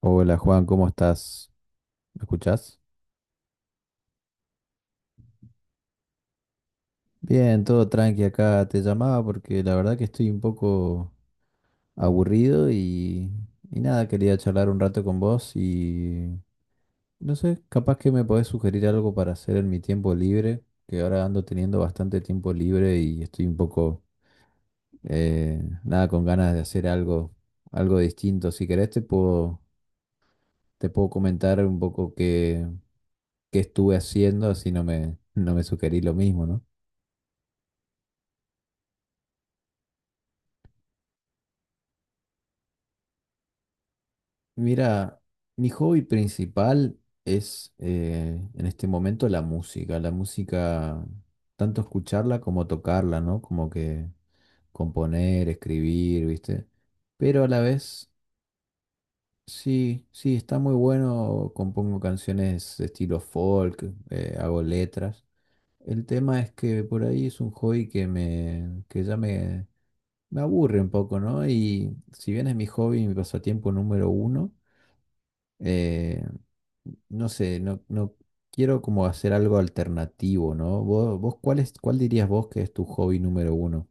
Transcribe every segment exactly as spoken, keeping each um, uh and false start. Hola Juan, ¿cómo estás? ¿Me escuchás? Bien, todo tranqui acá. Te llamaba porque la verdad que estoy un poco aburrido y, y nada, quería charlar un rato con vos y no sé, capaz que me podés sugerir algo para hacer en mi tiempo libre, que ahora ando teniendo bastante tiempo libre y estoy un poco, eh, nada, con ganas de hacer algo, algo distinto. Si querés te puedo, te puedo comentar un poco qué, qué estuve haciendo, así no me, no me sugerís lo mismo, ¿no? Mira, mi hobby principal es eh, en este momento la música. La música, tanto escucharla como tocarla, ¿no? Como que componer, escribir, ¿viste? Pero a la vez, sí, sí, está muy bueno. Compongo canciones de estilo folk, eh, hago letras. El tema es que por ahí es un hobby que me, que ya me, me aburre un poco, ¿no? Y si bien es mi hobby, mi pasatiempo número uno eh, no sé, no, no quiero como hacer algo alternativo, ¿no? ¿Vos, vos cuál es, cuál dirías vos que es tu hobby número uno?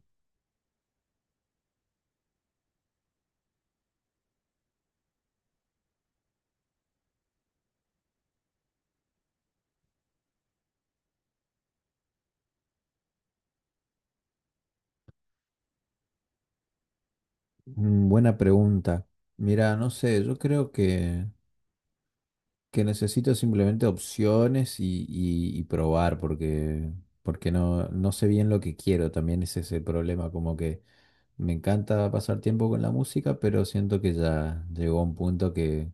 Mm, buena pregunta. Mira, no sé, yo creo que, que necesito simplemente opciones y, y- y probar porque, porque no, no sé bien lo que quiero, también es ese problema, como que me encanta pasar tiempo con la música, pero siento que ya llegó a un punto que,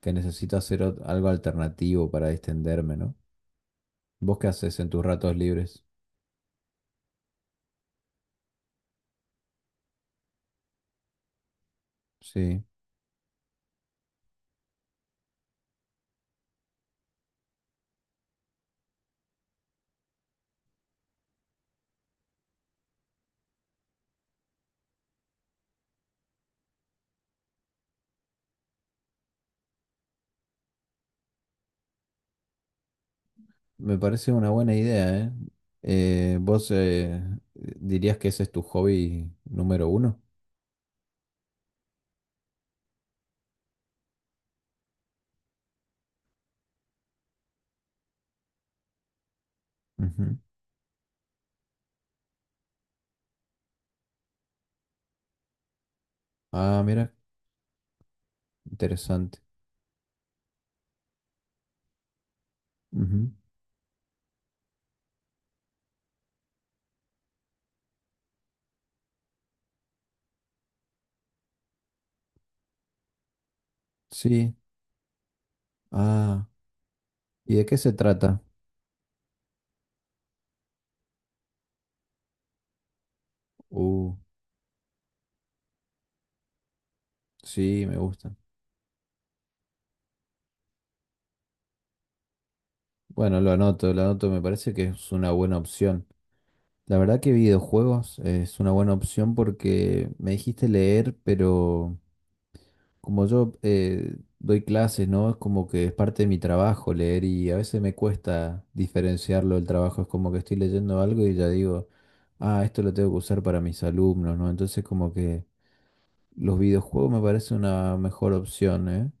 que necesito hacer ot- algo alternativo para distenderme, ¿no? ¿Vos qué haces en tus ratos libres? Sí, me parece una buena idea, ¿eh? Eh, ¿vos eh, dirías que ese es tu hobby número uno? Ujú. Ah, mira, interesante. Ujú. Sí, ah, ¿y de qué se trata? Uh, sí, me gusta. Bueno, lo anoto, lo anoto, me parece que es una buena opción. La verdad que videojuegos es una buena opción porque me dijiste leer, pero... Como yo eh, doy clases, ¿no? Es como que es parte de mi trabajo leer y a veces me cuesta diferenciarlo del trabajo. Es como que estoy leyendo algo y ya digo, ah, esto lo tengo que usar para mis alumnos, ¿no? Entonces como que los videojuegos me parece una mejor opción, ¿eh?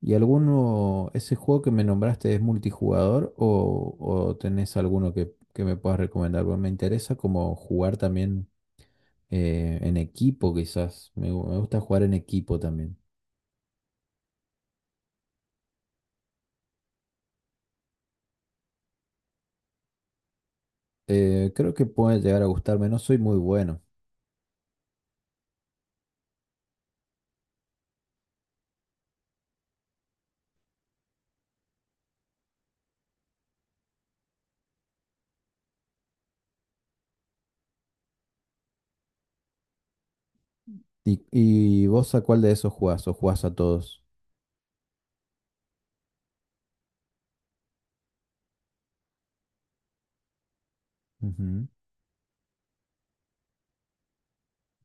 ¿Y alguno, ese juego que me nombraste es multijugador o, o tenés alguno que, que me puedas recomendar? Porque me interesa como jugar también eh, en equipo, quizás. Me, gu- me gusta jugar en equipo también. Eh, creo que puede llegar a gustarme, no soy muy bueno. ¿Y, y vos a cuál de esos jugás? ¿O jugás a todos? Ujú,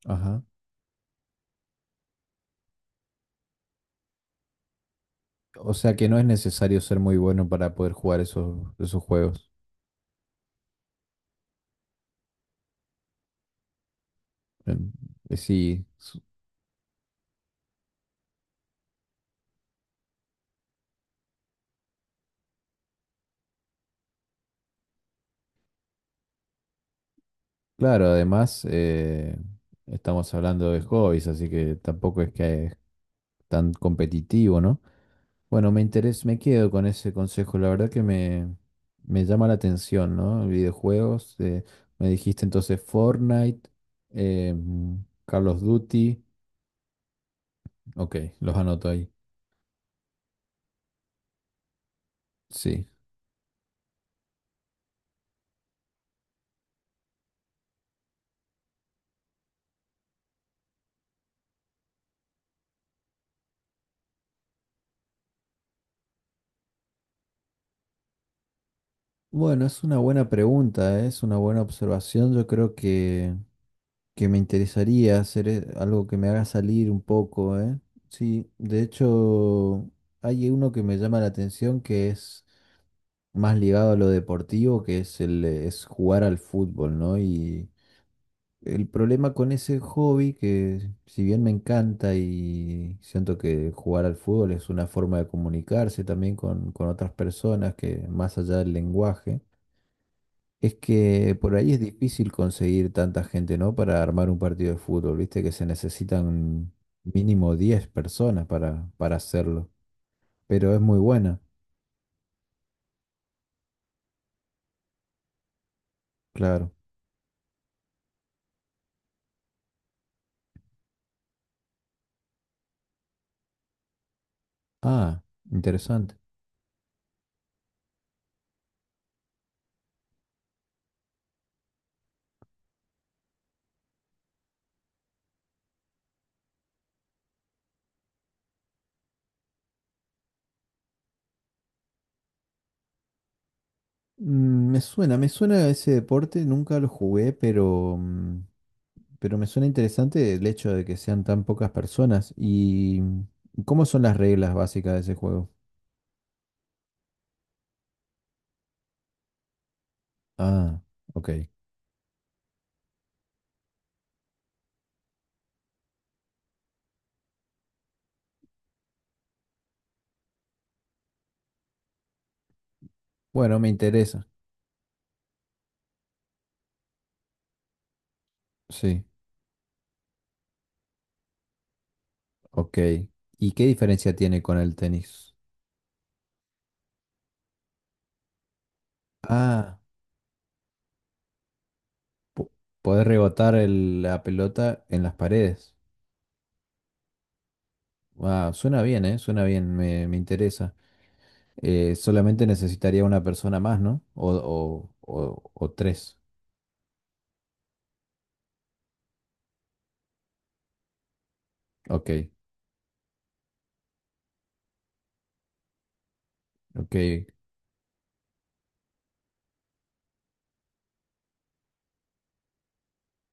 ajá. O sea que no es necesario ser muy bueno para poder jugar esos, esos juegos. Em, eh, sí, su- claro, además eh, estamos hablando de hobbies, así que tampoco es que es tan competitivo, ¿no? Bueno, me interesa, me quedo con ese consejo. La verdad que me, me llama la atención, ¿no? Videojuegos. eh, me dijiste entonces Fortnite, eh, Call of Duty. Ok, los anoto ahí. Sí. Bueno, es una buena pregunta, ¿eh? Es una buena observación. Yo creo que, que me interesaría hacer eh, algo que me haga salir un poco, ¿eh? Sí, de hecho, hay uno que me llama la atención que es más ligado a lo deportivo, que es el eh, es jugar al fútbol, ¿no? Y el problema con ese hobby, que si bien me encanta y siento que jugar al fútbol es una forma de comunicarse también con, con otras personas que más allá del lenguaje, es que por ahí es difícil conseguir tanta gente, ¿no? Para armar un partido de fútbol, viste que se necesitan mínimo diez personas para, para hacerlo, pero es muy buena, claro. Ah, interesante. Mm, me suena, me suena ese deporte, nunca lo jugué, pero, mm, pero me suena interesante el hecho de que sean tan pocas personas. ¿Y mm, cómo son las reglas básicas de ese juego? Ah, ok. Bueno, me interesa. Sí, ok. ¿Y qué diferencia tiene con el tenis? Ah, po- poder rebotar el- la pelota en las paredes. Ah, suena bien, ¿eh? Suena bien, me, me interesa. Eh, solamente necesitaría una persona más, ¿no? O, o, o, o tres. Ok, ok.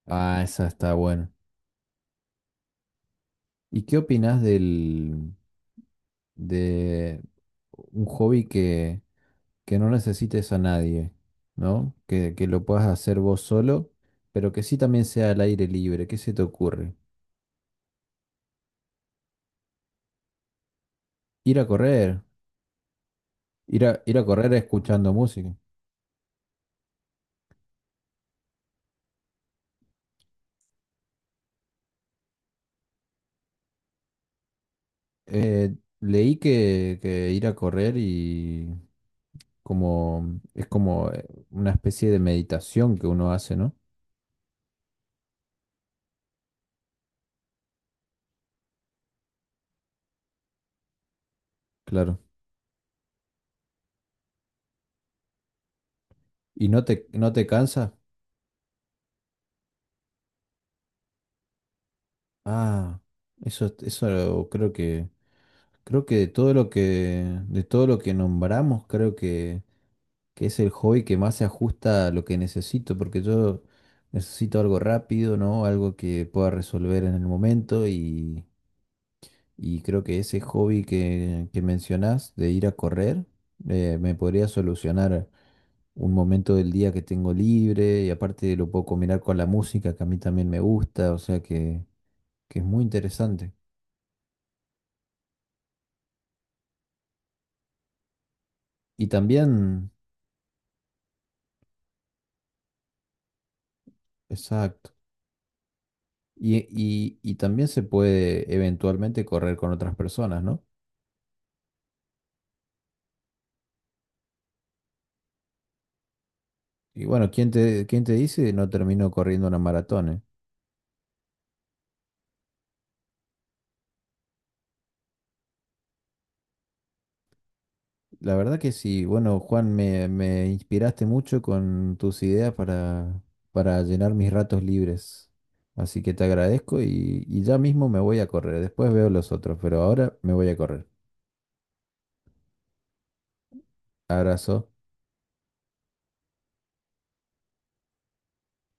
Ah, esa está buena. ¿Y qué opinas del, de un hobby que, que no necesites a nadie, ¿no? Que, que lo puedas hacer vos solo, pero que sí también sea al aire libre. ¿Qué se te ocurre? Ir a correr, ir a, ir a correr escuchando música. Eh, leí que, que ir a correr y como es como eh, una especie de meditación que uno hace, ¿no? Claro. ¿Y no te, no te cansas? Ah, eso, eso lo- creo que, creo que de todo lo que, de todo lo que nombramos, creo que, que es el hobby que más se ajusta a lo que necesito, porque yo necesito algo rápido, ¿no? Algo que pueda resolver en el momento y, y creo que ese hobby que, que mencionás de ir a correr, eh, me podría solucionar un momento del día que tengo libre y aparte lo puedo combinar con la música que a mí también me gusta, o sea que, que es muy interesante. Y también, exacto. Y, y, y también se puede eventualmente correr con otras personas, ¿no? Y bueno, ¿quién te, quién te dice no termino corriendo una maratón? ¿eh? La verdad que sí, bueno, Juan, me, me inspiraste mucho con tus ideas para, para llenar mis ratos libres. Así que te agradezco y, y ya mismo me voy a correr. Después veo los otros, pero ahora me voy a correr. Abrazo.